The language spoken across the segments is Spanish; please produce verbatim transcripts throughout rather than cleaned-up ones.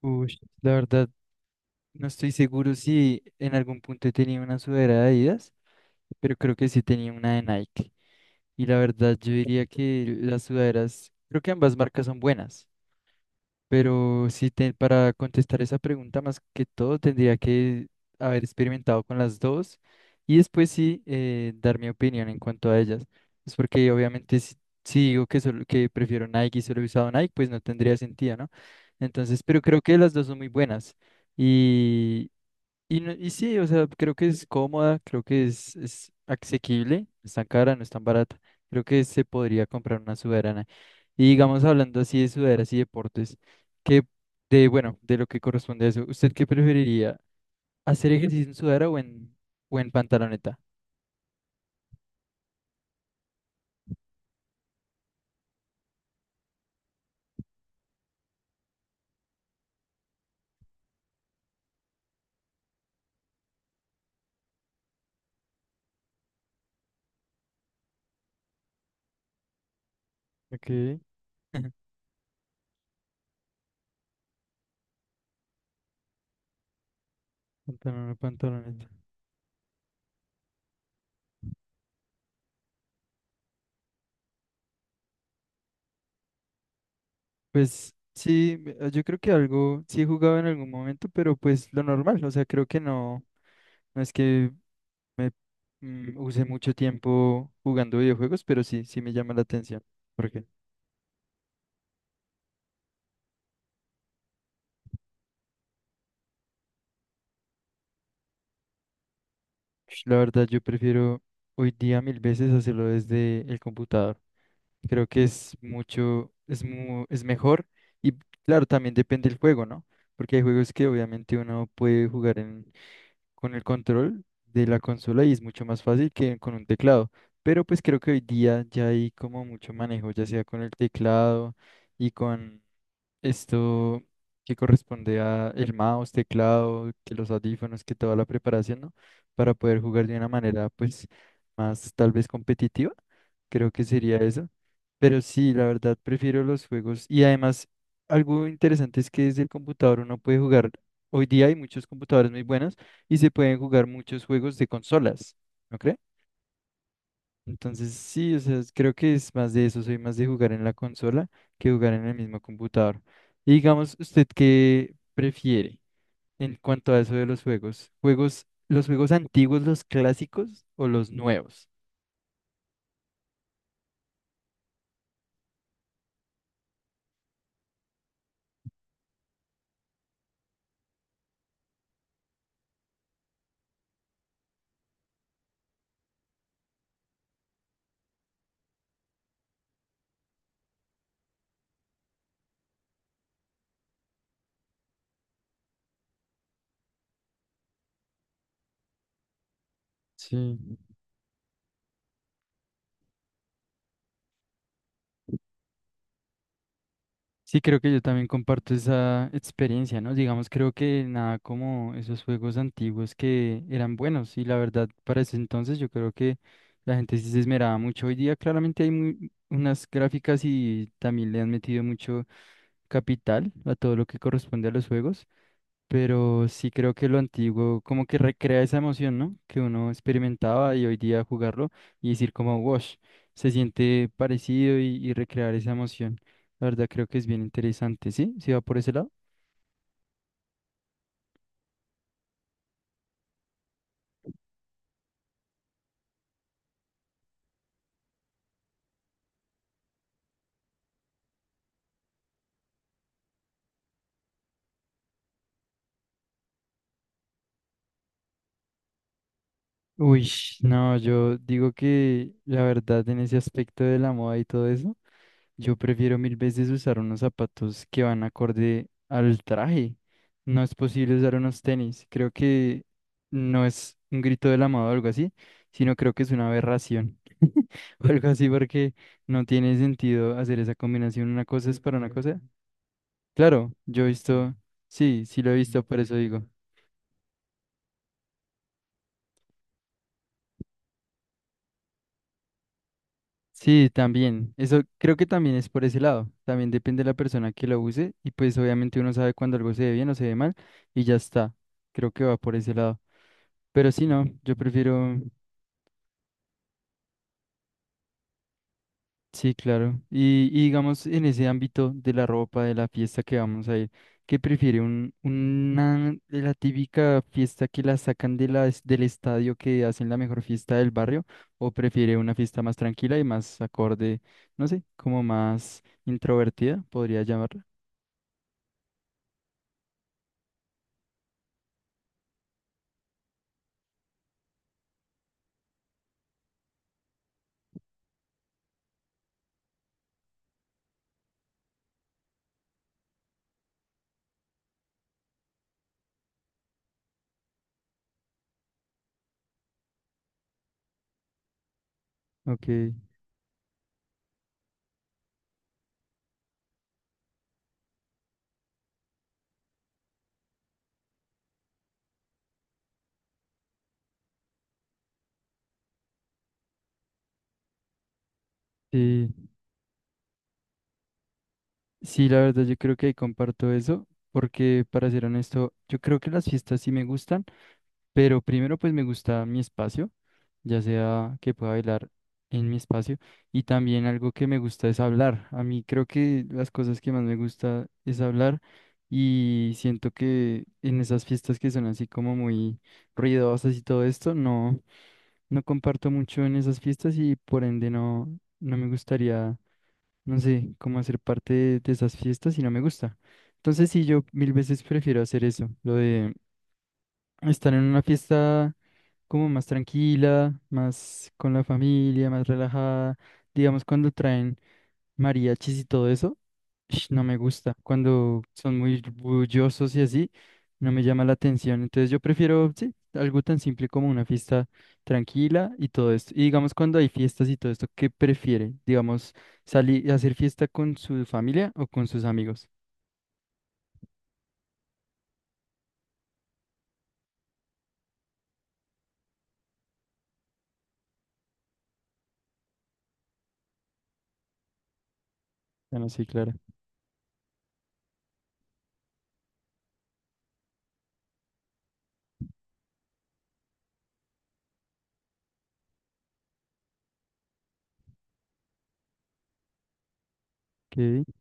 Uy, la verdad, no estoy seguro si en algún punto tenía una sudadera de Adidas, pero creo que sí tenía una de Nike. Y la verdad, yo diría que las sudaderas, creo que ambas marcas son buenas. Pero sí, te- para contestar esa pregunta, más que todo, tendría que haber experimentado con las dos y después sí eh, dar mi opinión en cuanto a ellas. Es porque obviamente si, si digo que, solo, que prefiero Nike y solo he usado Nike, pues no tendría sentido, ¿no? Entonces, pero creo que las dos son muy buenas y, no- y sí, o sea, creo que es cómoda, creo que es, es asequible, no es tan cara, no es tan barata. Creo que se podría comprar una sudadera. Y digamos, hablando así de sudaderas y deportes, que de, bueno, de lo que corresponde a eso, ¿usted qué preferiría? ¿Hacer ejercicio en sudadera o en, o en pantaloneta? Ok, pantalón o pantaloneta. Pues sí, me- ah, yo creo que algo, sí he jugado en algún momento, pero pues lo normal, o sea, creo que no, no es que me mm, usé mucho tiempo jugando videojuegos, pero sí, sí me llama la atención. Porque la verdad yo prefiero hoy día mil veces hacerlo desde el computador. Creo que es mucho, es mu- es mejor y claro, también depende del juego, ¿no? Porque hay juegos que obviamente uno puede jugar en, con el control de la consola y es mucho más fácil que con un teclado. Pero pues creo que hoy día ya hay como mucho manejo, ya sea con el teclado y con Esto que corresponde a el mouse, teclado, que los audífonos, que toda la preparación, ¿no? Para poder jugar de una manera, pues, más tal vez competitiva. Creo que sería eso. Pero sí, la verdad, prefiero los juegos. Y además, algo interesante es que desde el computador uno puede jugar. Hoy día hay muchos computadores muy buenos y se pueden jugar muchos juegos de consolas. ¿No crees? Entonces, sí, o sea, es- creo que es más de eso, soy más de jugar en la consola que jugar en el mismo computador. Y digamos, ¿usted qué prefiere en cuanto a eso de los juegos? ¿Juegos, los juegos antiguos, los clásicos o los nuevos? Sí. Sí, creo que yo también comparto esa experiencia, ¿no? Digamos, creo que nada como esos juegos antiguos que eran buenos y la verdad para ese entonces yo creo que la gente sí se esmeraba mucho. Hoy día claramente hay muy- unas gráficas y también le han metido mucho capital a todo lo que corresponde a los juegos, pero sí creo que lo antiguo como que recrea esa emoción, ¿no? Que uno experimentaba y hoy día jugarlo y decir como, wash, se siente parecido y, y recrear esa emoción. La verdad creo que es bien interesante, ¿sí? ¿Sí va por ese lado? Uy, no, yo digo que la verdad en ese aspecto de la moda y todo eso. Yo prefiero mil veces usar unos zapatos que van acorde al traje. No es posible usar unos tenis. Creo que no es un grito del amado o algo así, sino creo que es una aberración. O algo así porque no tiene sentido hacer esa combinación. Una cosa es para una cosa. Claro, yo he visto, sí, sí lo he visto, por eso digo. Sí, también. Eso creo que también es por ese lado. También depende de la persona que lo use y pues obviamente uno sabe cuando algo se ve bien o se ve mal y ya está. Creo que va por ese lado. Pero sí, no, yo prefiero, sí, claro. Y, y digamos en ese ámbito de la ropa, de la fiesta que vamos a ir, ¿qué prefiere? Un, una, la típica fiesta que la sacan de la, del estadio que hacen la mejor fiesta del barrio o prefiere una fiesta más tranquila y más acorde, no sé, como más introvertida, podría llamarla. Ok, sí, sí, la verdad yo creo que ahí comparto eso, porque para ser honesto, yo creo que las fiestas sí me gustan, pero primero pues me gusta mi espacio, ya sea que pueda bailar en mi espacio, y también algo que me gusta es hablar. A mí creo que las cosas que más me gusta es hablar y siento que en esas fiestas que son así como muy ruidosas y todo esto, no, no comparto mucho en esas fiestas y por ende no, no me gustaría. No sé, cómo hacer parte de, de esas fiestas y no me gusta. Entonces sí, yo mil veces prefiero hacer eso, lo de estar en una fiesta como más tranquila, más con la familia, más relajada. Digamos, cuando traen mariachis y todo eso, ish, no me gusta. Cuando son muy bullosos y así, no me llama la atención. Entonces yo prefiero, sí, algo tan simple como una fiesta tranquila y todo esto. Y digamos, cuando hay fiestas y todo esto, ¿qué prefiere? Digamos, salir a hacer fiesta con su familia o con sus amigos. Bueno, sí, claro. Ok,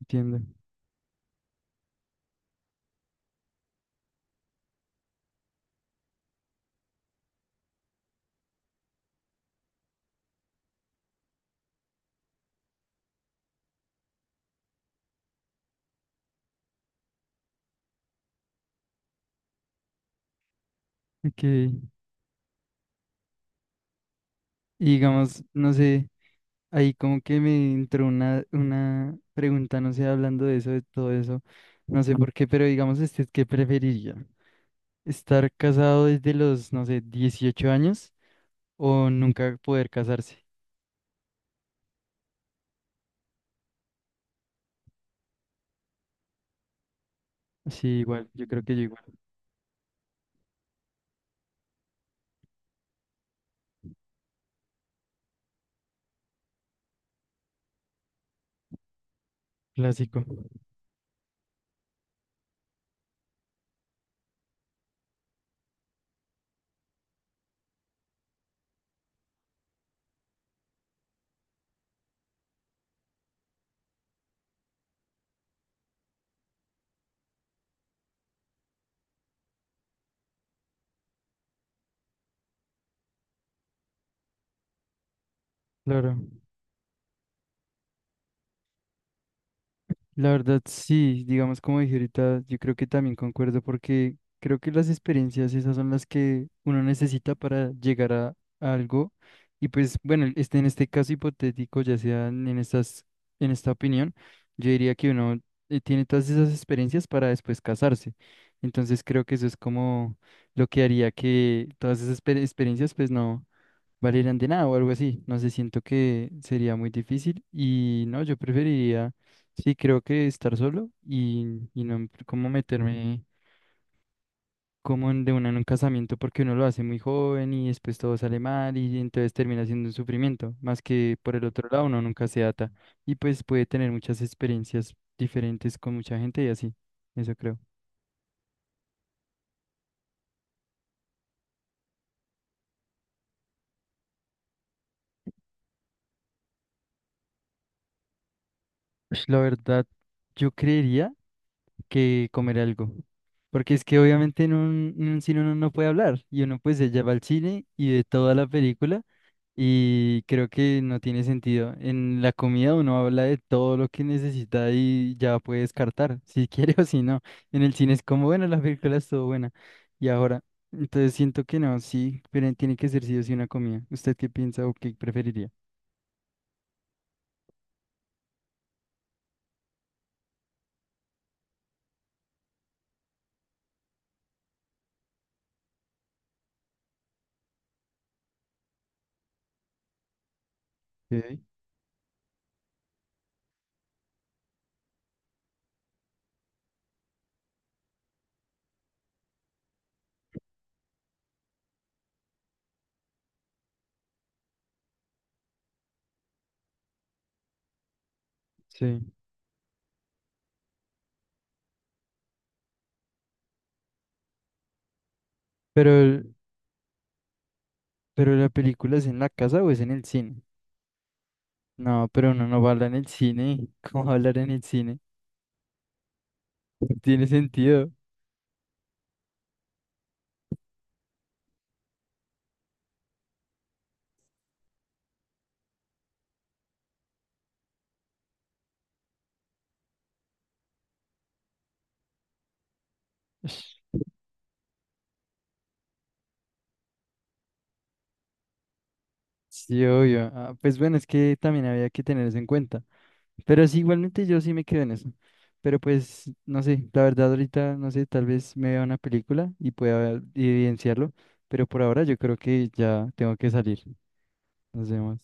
entiendo. Ok. Y digamos, no sé. Ahí como que me entró una, una pregunta, no sé, hablando de eso, de todo eso, no sé por qué, pero digamos, este, ¿qué preferiría? ¿Estar casado desde los, no sé, dieciocho años o nunca poder casarse? Sí, igual, yo creo que yo igual. Clásico, claro. La verdad, sí, digamos como dije ahorita, yo creo que también concuerdo porque creo que las experiencias esas son las que uno necesita para llegar a, a algo y pues bueno, el- este, en este caso hipotético, ya sea en en estas, en esta opinión, yo diría que uno eh, tiene todas esas experiencias para después casarse. Entonces creo que eso es como lo que haría que todas esas exper- experiencias pues no valieran de nada o algo así. No sé, siento que sería muy difícil y no, yo preferiría, sí, creo que estar solo y, y no em, como meterme como en- de una en un casamiento porque uno lo hace muy joven y después todo sale mal y entonces termina siendo un sufrimiento, más que por el otro lado uno nunca se ata y pues puede tener muchas experiencias diferentes con mucha gente y así, eso creo. Pues, la verdad, yo creería que comer algo. Porque es que obviamente en un, en un cine uno no puede hablar y uno pues ella va al cine y ve toda la película y creo que no tiene sentido. En la comida uno habla de todo lo que necesita y ya puede descartar si quiere o si no. En el cine es como, bueno, la película estuvo buena y ahora. Entonces siento que no, sí, pero tiene que ser sí o sí una comida. ¿Usted qué piensa o qué preferiría? Ok. Sí. Pero, el- pero ¿la película es en la casa o es en el cine? No, pero uno no va a hablar en el cine. ¿Cómo va a hablar en el cine? No tiene sentido. Ush, sí, obvio. Ah, pues bueno, es que también había que tener eso en cuenta. Pero sí, igualmente yo sí me quedo en eso. Pero pues, no sé, la verdad ahorita, no sé, tal vez me vea una película y pueda evidenciarlo. Pero por ahora yo creo que ya tengo que salir. Nos vemos.